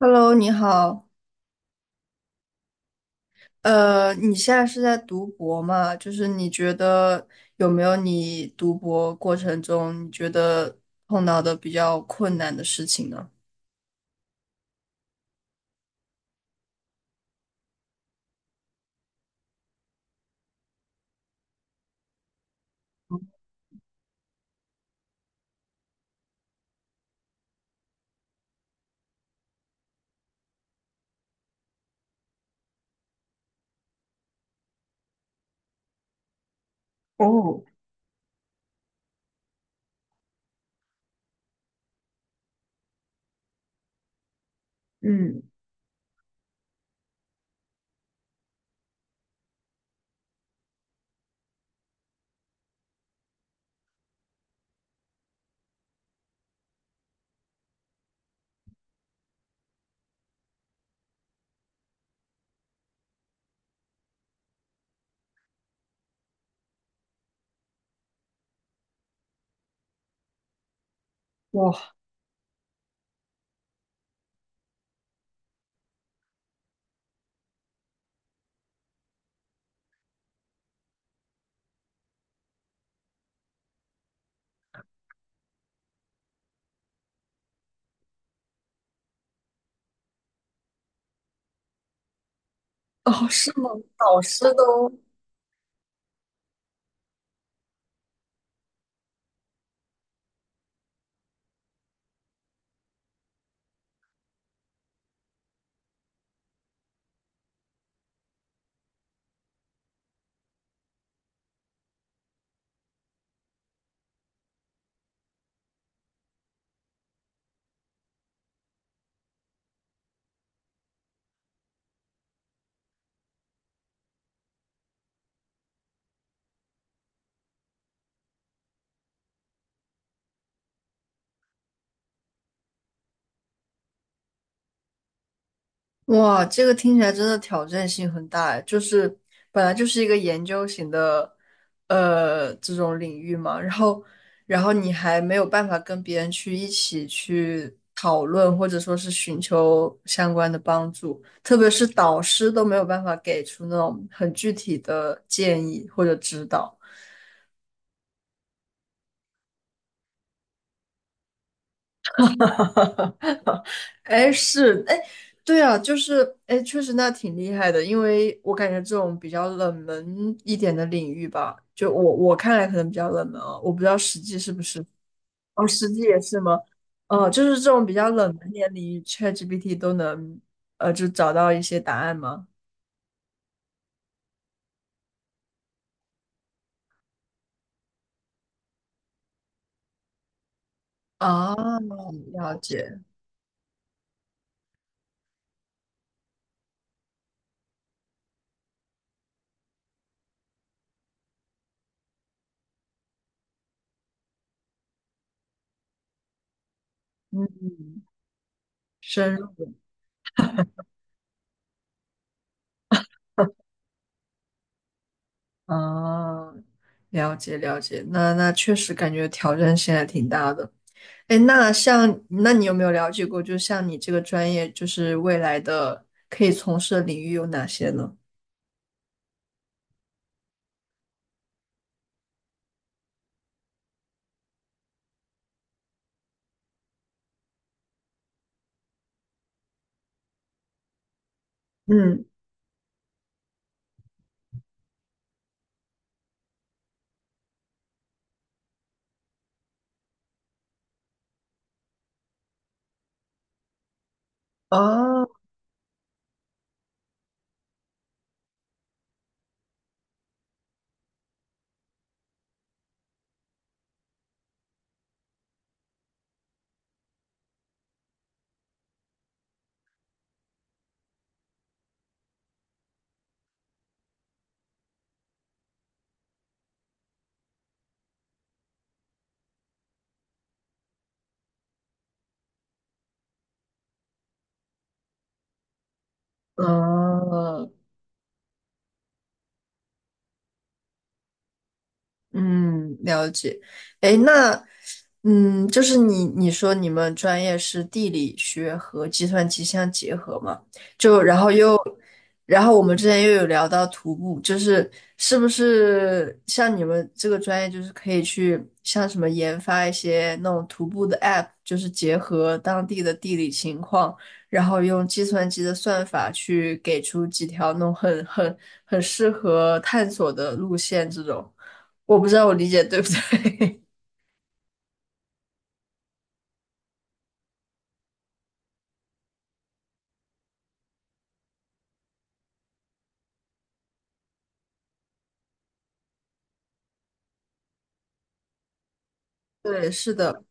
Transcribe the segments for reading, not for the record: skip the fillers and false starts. Hello，你好。你现在是在读博吗？就是你觉得有没有你读博过程中你觉得碰到的比较困难的事情呢？哇。哦，是吗？导师都哇，这个听起来真的挑战性很大哎，就是本来就是一个研究型的，这种领域嘛，然后，然后你还没有办法跟别人去一起去讨论，或者说是寻求相关的帮助，特别是导师都没有办法给出那种很具体的建议或者指导。哎，是，哎，对啊，就是，哎，确实那挺厉害的，因为我感觉这种比较冷门一点的领域吧，就我看来可能比较冷门啊，我不知道实际是不是。哦，实际也是吗？哦，就是这种比较冷门一点领域，ChatGPT 都能，就找到一些答案吗？啊，了解。嗯，深入。啊，了解了解，那确实感觉挑战性还挺大的。哎，那像，那你有没有了解过，就像你这个专业，就是未来的可以从事的领域有哪些呢？嗯。哦。哦。嗯，了解。哎，那，嗯，就是你说你们专业是地理学和计算机相结合嘛？就然后又，然后我们之前又有聊到徒步，就是是不是像你们这个专业，就是可以去像什么研发一些那种徒步的 app，就是结合当地的地理情况，然后用计算机的算法去给出几条那种很很适合探索的路线这种。我不知道我理解对不对。对，是的。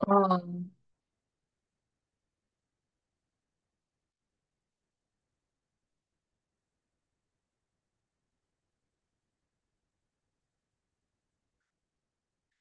嗯，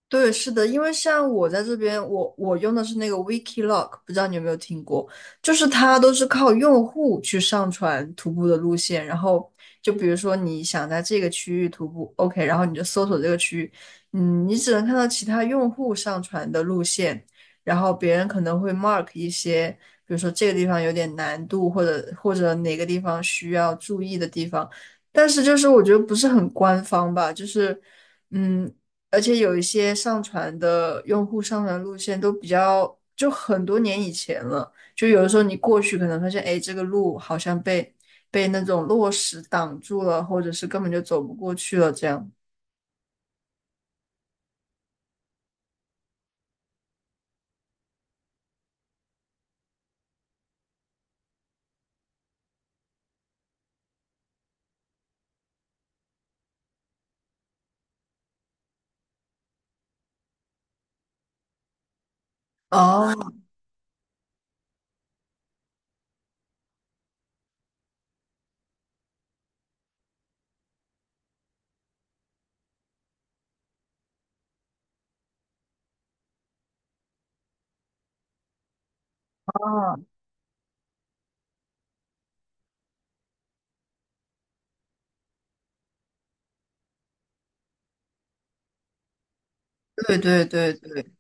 对，是的，因为像我在这边，我用的是那个 Wikiloc，不知道你有没有听过？就是它都是靠用户去上传徒步的路线，然后就比如说你想在这个区域徒步，OK，然后你就搜索这个区域。嗯，你只能看到其他用户上传的路线，然后别人可能会 mark 一些，比如说这个地方有点难度，或者哪个地方需要注意的地方，但是就是我觉得不是很官方吧，就是。嗯，而且有一些上传的用户上传路线都比较，就很多年以前了。就有的时候你过去可能发现，哎，这个路好像被那种落石挡住了，或者是根本就走不过去了这样。哦，对对对对，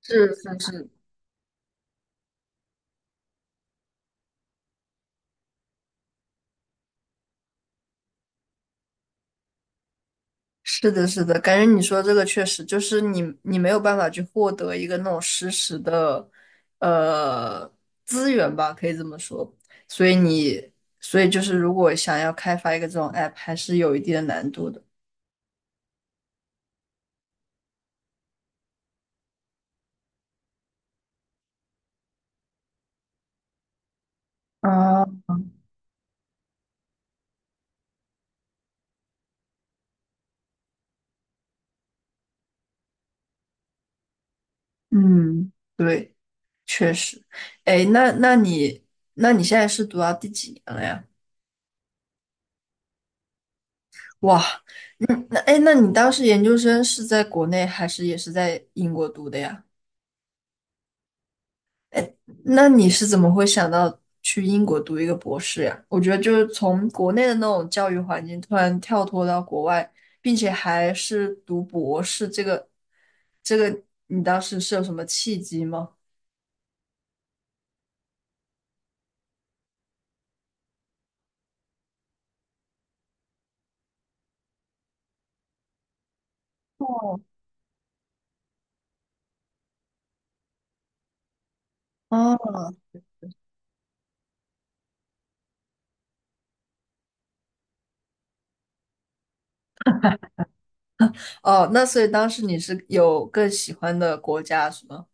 是是是，是的，是的，感觉你说这个确实就是你，你没有办法去获得一个那种实时的，呃，资源吧，可以这么说。所以你，所以就是如果想要开发一个这种 app，还是有一定的难度的。啊，嗯，对，确实。哎，那你，那你现在是读到第几年了呀？哇。嗯，那哎，诶那你当时研究生是在国内还是也是在英国读的呀？哎，那你是怎么会想到去英国读一个博士呀？我觉得就是从国内的那种教育环境突然跳脱到国外，并且还是读博士，这个你当时是有什么契机吗？哦哦，哦，那所以当时你是有更喜欢的国家是吗？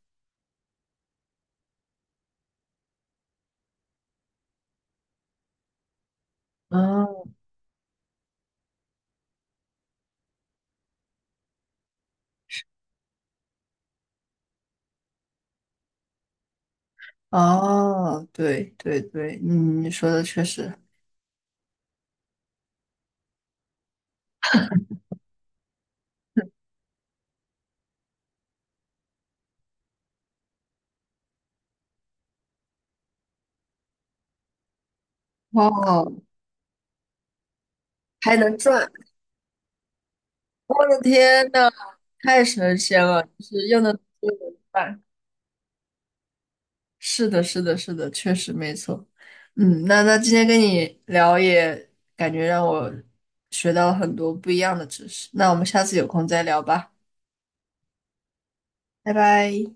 哦哦，对对对，嗯，你说的确实。哦，还能赚。我的天呐，太神仙了！就是又能又能赚。是的，是的，是的，确实没错。嗯，那今天跟你聊也感觉让我学到了很多不一样的知识。那我们下次有空再聊吧，拜拜。